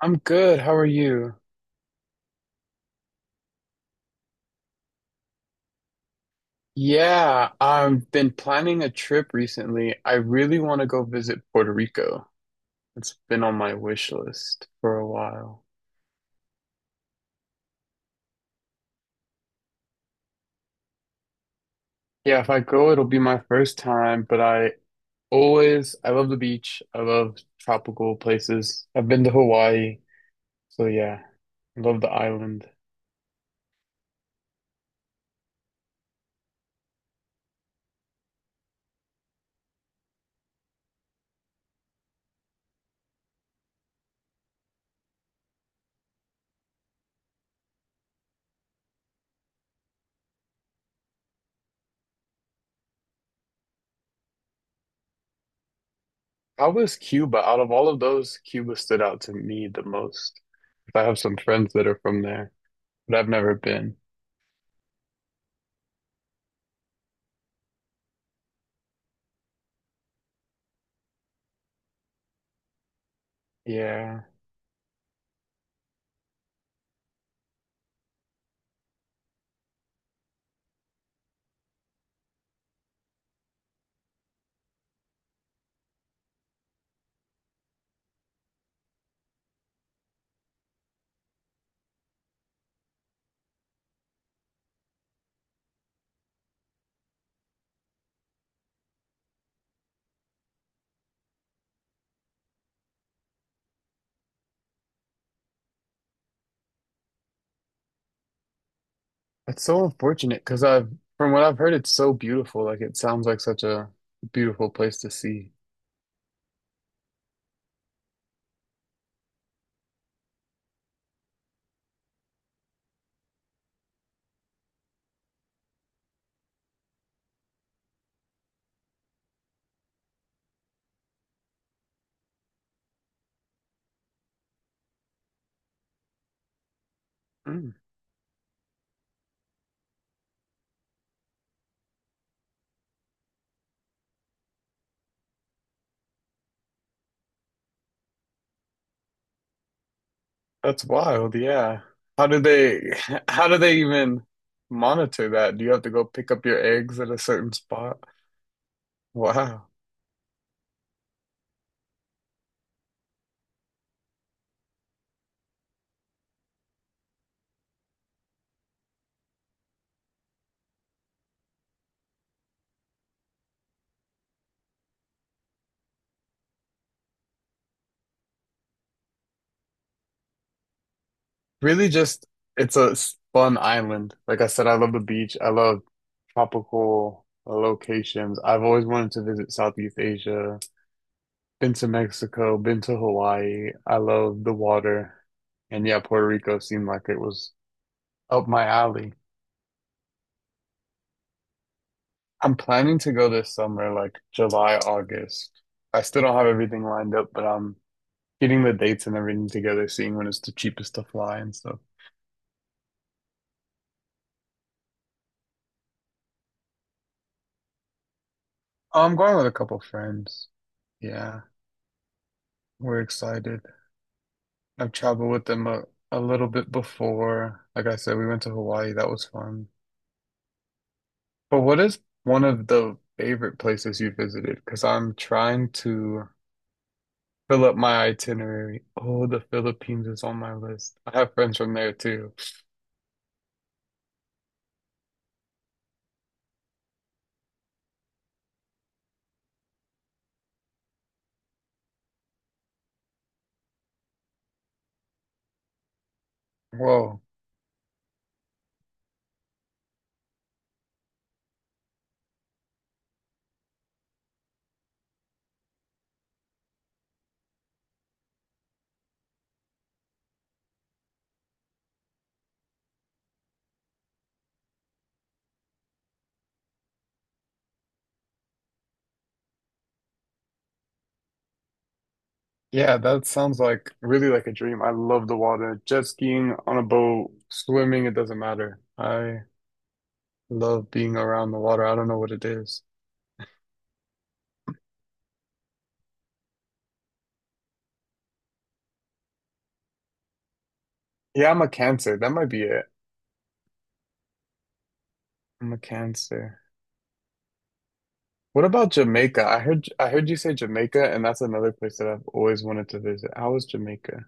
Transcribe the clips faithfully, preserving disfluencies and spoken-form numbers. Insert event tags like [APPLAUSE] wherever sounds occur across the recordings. I'm good. How are you? Yeah, I've been planning a trip recently. I really want to go visit Puerto Rico. It's been on my wish list for a while. Yeah, if I go, it'll be my first time, but I always, I love the beach. I love tropical places. I've been to Hawaii. So yeah, I love the island. How was Cuba? Out of all of those, Cuba stood out to me the most. I have some friends that are from there, but I've never been. Yeah. It's so unfortunate because I've, from what I've heard, it's so beautiful. Like it sounds like such a beautiful place to see. Mm, that's wild. Yeah. How do they, [LAUGHS] how do they even monitor that? Do you have to go pick up your eggs at a certain spot? Wow. Really just, it's a s- fun island. Like I said, I love the beach. I love tropical locations. I've always wanted to visit Southeast Asia. Been to Mexico, been to Hawaii. I love the water. And yeah, Puerto Rico seemed like it was up my alley. I'm planning to go this summer, like July, August. I still don't have everything lined up, but I'm getting the dates and everything together, seeing when it's the cheapest to fly and stuff. Oh, I'm going with a couple friends. Yeah, we're excited. I've traveled with them a, a little bit before. Like I said, we went to Hawaii. That was fun. But what is one of the favorite places you visited? Because I'm trying to fill up my itinerary. Oh, the Philippines is on my list. I have friends from there too. Whoa. Yeah, that sounds like really like a dream. I love the water. Jet skiing on a boat, swimming, it doesn't matter. I love being around the water. I don't know what it is. Yeah, I'm a Cancer. That might be it. I'm a Cancer. What about Jamaica? I heard I heard you say Jamaica, and that's another place that I've always wanted to visit. How was Jamaica?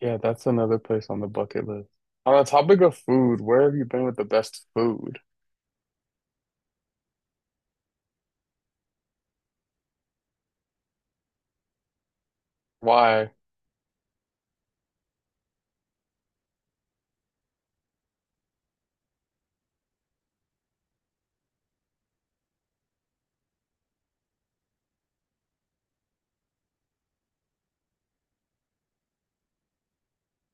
Yeah, that's another place on the bucket list. On the topic of food, where have you been with the best food? Why?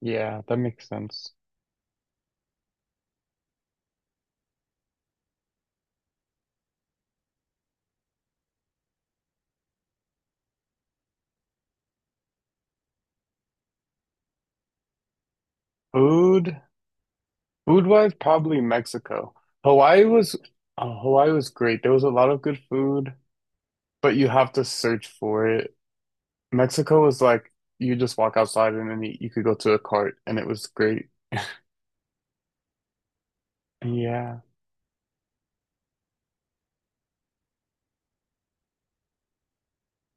Yeah, that makes sense. Food, Food-wise, probably Mexico. Hawaii was, uh, Hawaii was great. There was a lot of good food, but you have to search for it. Mexico was like you just walk outside and then you, you could go to a cart, and it was great. Yeah,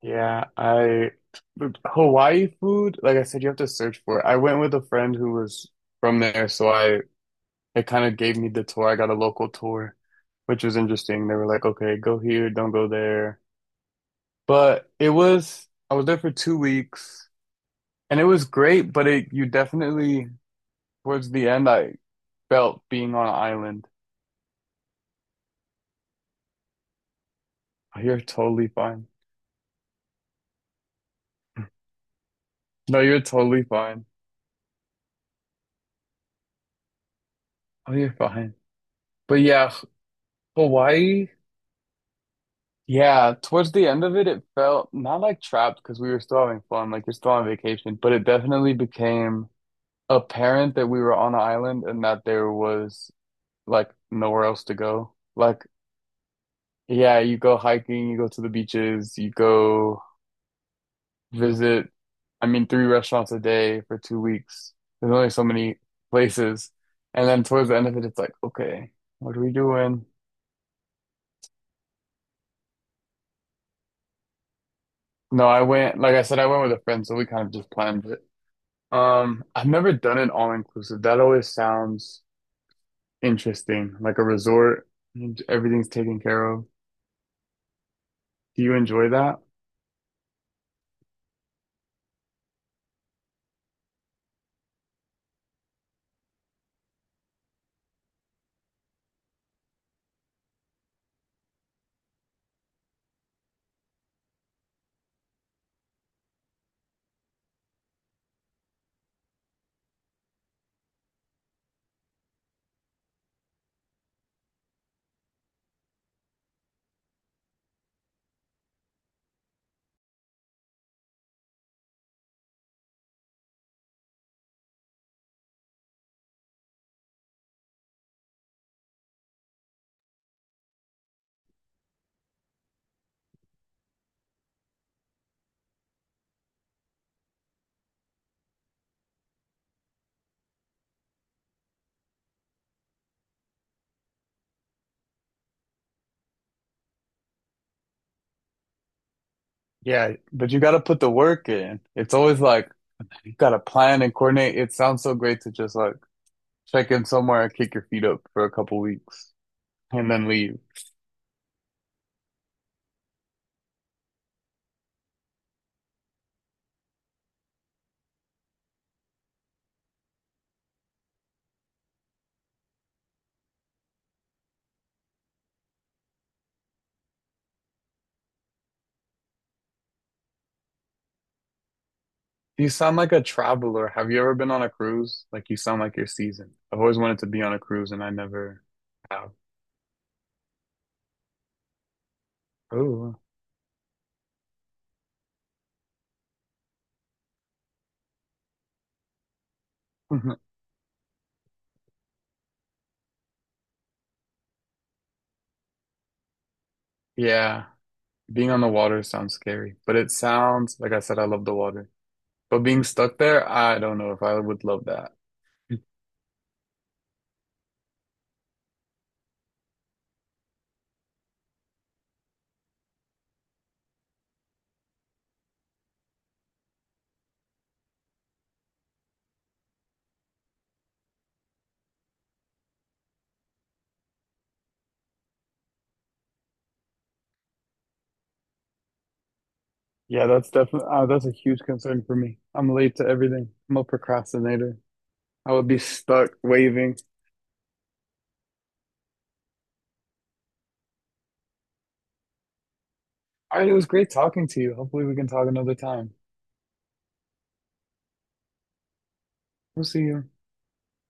yeah. I But Hawaii food, like I said, you have to search for it. I went with a friend who was from there, so I it kind of gave me the tour. I got a local tour, which was interesting. They were like, okay, go here, don't go there. But it was, I was there for two weeks and it was great, but it, you definitely, towards the end, I felt being on an island. Oh, you're totally fine. No, you're totally fine. Oh, you're fine. But yeah, Hawaii, yeah, towards the end of it, it felt not like trapped because we were still having fun, like you're still on vacation, but it definitely became apparent that we were on an island and that there was like nowhere else to go. Like, yeah, you go hiking, you go to the beaches, you go visit, I mean, three restaurants a day for two weeks. There's only so many places. And then towards the end of it, it's like, okay, what are we doing? No, I went, like I said, I went with a friend, so we kind of just planned it. Um, I've never done an all-inclusive. That always sounds interesting, like a resort, and everything's taken care of. Do you enjoy that? Yeah, but you got to put the work in. It's always like you got to plan and coordinate. It sounds so great to just like check in somewhere and kick your feet up for a couple weeks and then leave. You sound like a traveler. Have you ever been on a cruise? Like you sound like you're seasoned. I've always wanted to be on a cruise and I never have. Oh. [LAUGHS] Yeah, being on the water sounds scary, but it sounds like I said I love the water. But being stuck there, I don't know if I would love that. Yeah, that's definitely uh, that's a huge concern for me. I'm late to everything. I'm a procrastinator. I would be stuck waving. All right, it was great talking to you. Hopefully we can talk another time. We'll see you.